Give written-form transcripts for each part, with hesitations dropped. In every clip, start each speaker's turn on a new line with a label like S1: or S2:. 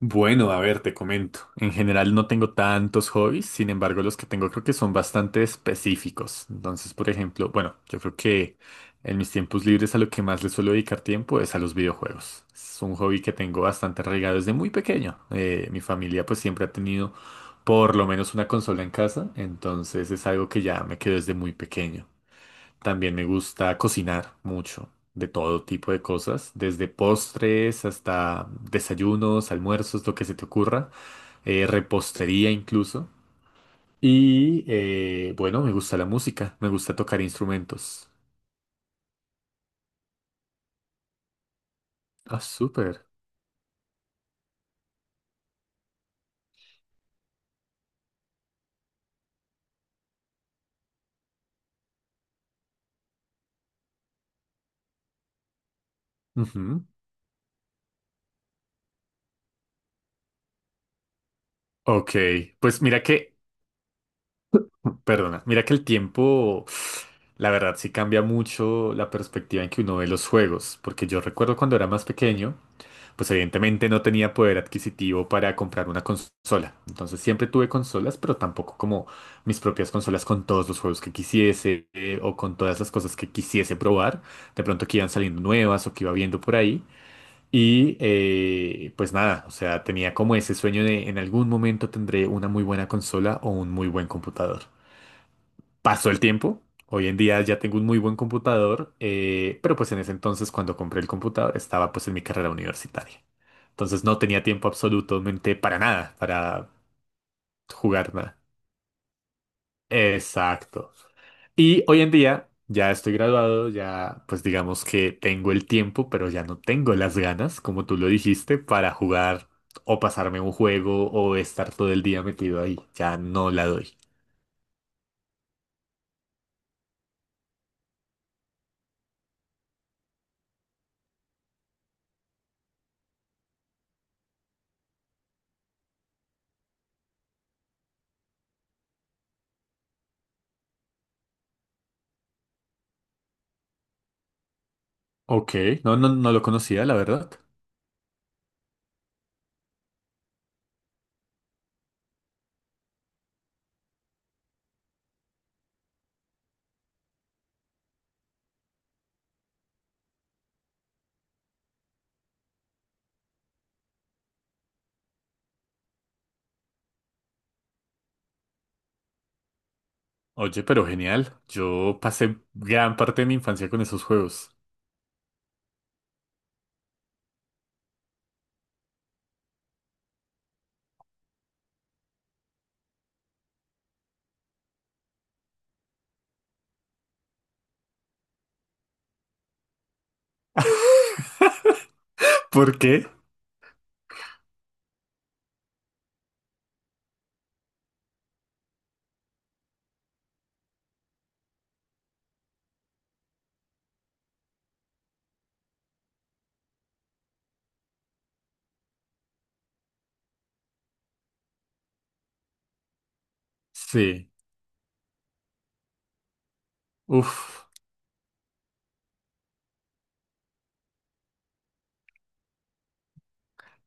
S1: Bueno, a ver, te comento. En general no tengo tantos hobbies, sin embargo los que tengo creo que son bastante específicos. Entonces, por ejemplo, bueno, yo creo que en mis tiempos libres a lo que más le suelo dedicar tiempo es a los videojuegos. Es un hobby que tengo bastante arraigado desde muy pequeño. Mi familia pues siempre ha tenido por lo menos una consola en casa, entonces es algo que ya me quedó desde muy pequeño. También me gusta cocinar mucho, de todo tipo de cosas, desde postres hasta desayunos, almuerzos, lo que se te ocurra, repostería incluso. Y bueno, me gusta la música, me gusta tocar instrumentos. Ah, súper. Ujú. Ok, pues mira que, perdona, mira que el tiempo, la verdad sí cambia mucho la perspectiva en que uno ve los juegos, porque yo recuerdo cuando era más pequeño, pues evidentemente no tenía poder adquisitivo para comprar una consola. Entonces siempre tuve consolas, pero tampoco como mis propias consolas con todos los juegos que quisiese o con todas las cosas que quisiese probar. De pronto que iban saliendo nuevas o que iba viendo por ahí. Y pues nada, o sea, tenía como ese sueño de en algún momento tendré una muy buena consola o un muy buen computador. Pasó el tiempo. Hoy en día ya tengo un muy buen computador, pero pues en ese entonces cuando compré el computador estaba pues en mi carrera universitaria. Entonces no tenía tiempo absolutamente para nada, para jugar nada. Exacto. Y hoy en día ya estoy graduado, ya pues digamos que tengo el tiempo, pero ya no tengo las ganas, como tú lo dijiste, para jugar o pasarme un juego o estar todo el día metido ahí. Ya no la doy. Ok, no lo conocía, la verdad. Oye, pero genial. Yo pasé gran parte de mi infancia con esos juegos. ¿Por qué? Sí. Uf.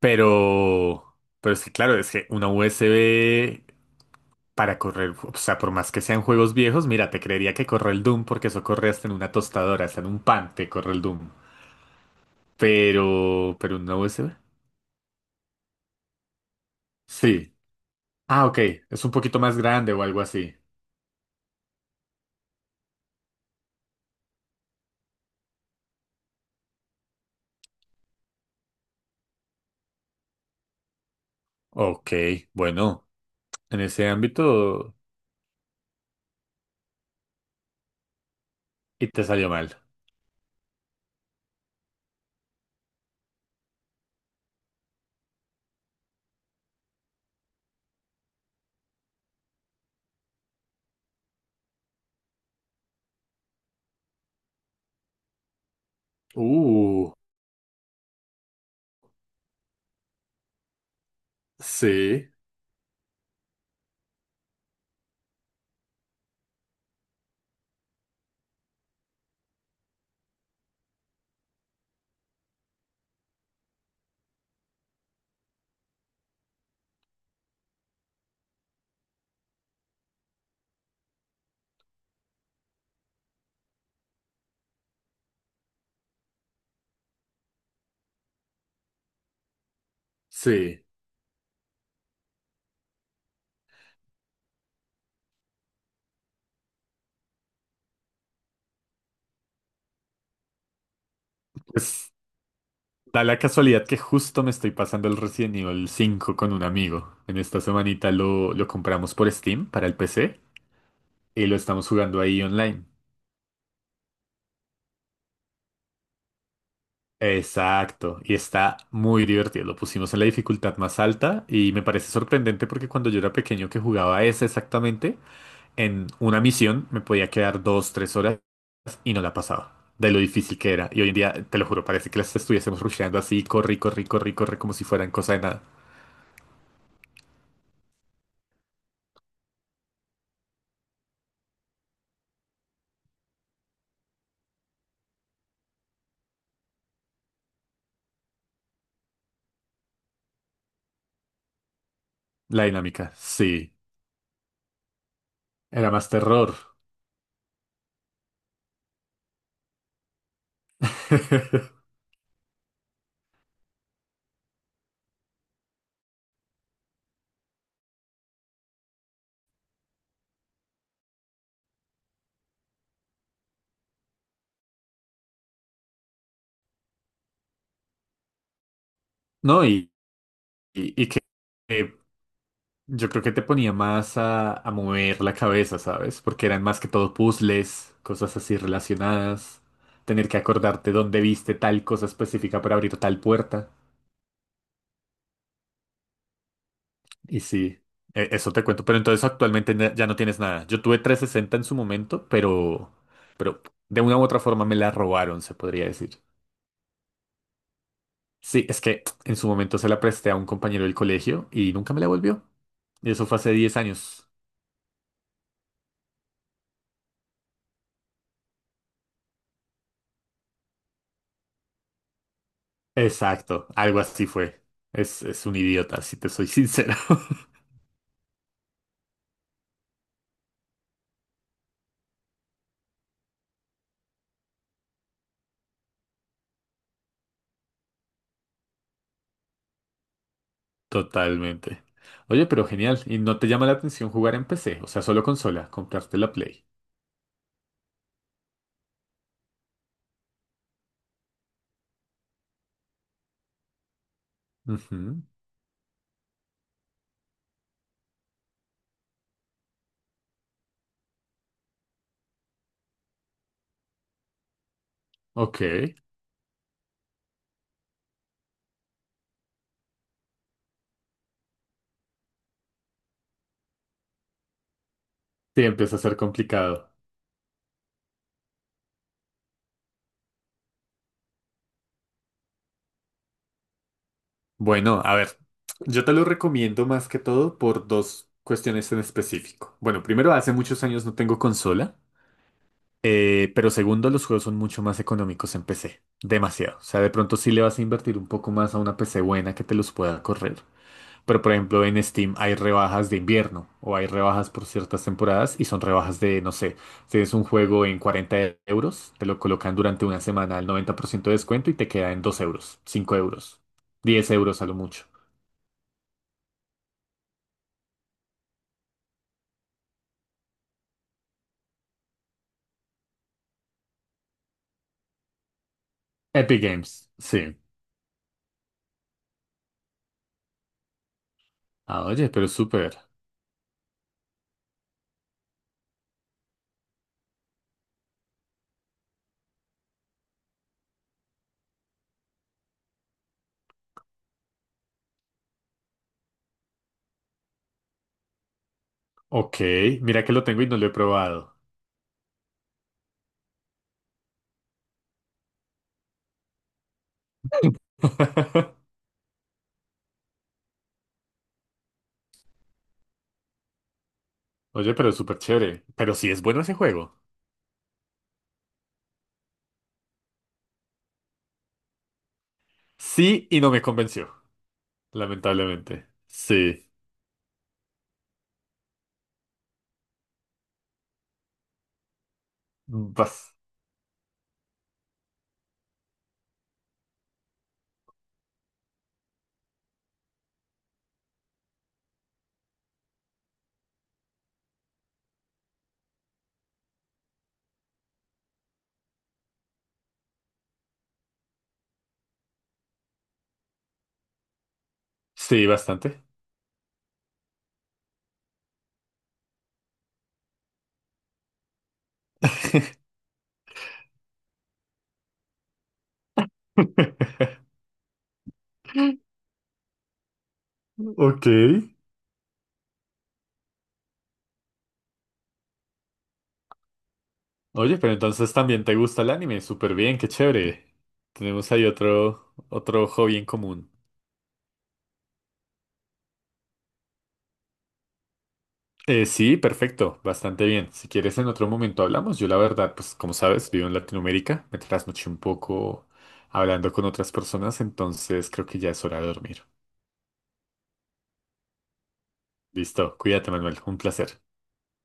S1: Pero es que claro, es que una USB para correr, o sea, por más que sean juegos viejos, mira, te creería que corre el Doom porque eso corre hasta en una tostadora, hasta en un pan te corre el Doom. Pero una USB. Sí. Ah, ok. Es un poquito más grande o algo así. Ok, bueno, en ese ámbito y te salió mal. Uh. Sí, sí. Pues da la casualidad que justo me estoy pasando el Resident Evil 5 con un amigo. En esta semanita lo compramos por Steam para el PC y lo estamos jugando ahí online. Exacto, y está muy divertido. Lo pusimos en la dificultad más alta y me parece sorprendente porque cuando yo era pequeño que jugaba ese exactamente, en una misión me podía quedar 2, 3 horas y no la pasaba. De lo difícil que era. Y hoy en día, te lo juro, parece que las estuviésemos rusheando así, corre, corre, corre, corre, como si fueran cosa de nada. La dinámica, sí. Era más terror. No, y que eh, yo creo que te ponía más a mover la cabeza, ¿sabes? Porque eran más que todo puzzles, cosas así relacionadas, tener que acordarte dónde viste tal cosa específica para abrir tal puerta. Y sí, eso te cuento. Pero entonces actualmente ya no tienes nada. Yo tuve 360 en su momento, pero de una u otra forma me la robaron, se podría decir. Sí, es que en su momento se la presté a un compañero del colegio y nunca me la volvió. Y eso fue hace 10 años. Exacto, algo así fue. Es un idiota, si te soy sincero. Totalmente. Oye, pero genial. ¿Y no te llama la atención jugar en PC? O sea, solo consola, comprarte la Play. Ujú. Ok. Sí, empieza a ser complicado. Bueno, a ver, yo te lo recomiendo más que todo por dos cuestiones en específico. Bueno, primero, hace muchos años no tengo consola, pero segundo, los juegos son mucho más económicos en PC, demasiado. O sea, de pronto sí le vas a invertir un poco más a una PC buena que te los pueda correr. Pero por ejemplo, en Steam hay rebajas de invierno o hay rebajas por ciertas temporadas y son rebajas de, no sé, si es un juego en 40 euros, te lo colocan durante una semana al 90% de descuento y te queda en 2 euros, 5 euros, 10 euros a lo mucho. Epic Games, sí. Ah, oye, pero es súper. Ok, mira que lo tengo y no lo he probado. Oye, pero es súper chévere. Pero sí es bueno ese juego. Sí, y no me convenció, lamentablemente. Sí. Bas- sí, bastante. Ok. Oye, pero entonces también te gusta el anime. Súper bien, qué chévere. Tenemos ahí otro, otro hobby en común. Sí, perfecto, bastante bien. Si quieres, en otro momento hablamos. Yo, la verdad, pues como sabes, vivo en Latinoamérica, me trasnoché un poco hablando con otras personas, entonces creo que ya es hora de dormir. Listo, cuídate, Manuel, un placer.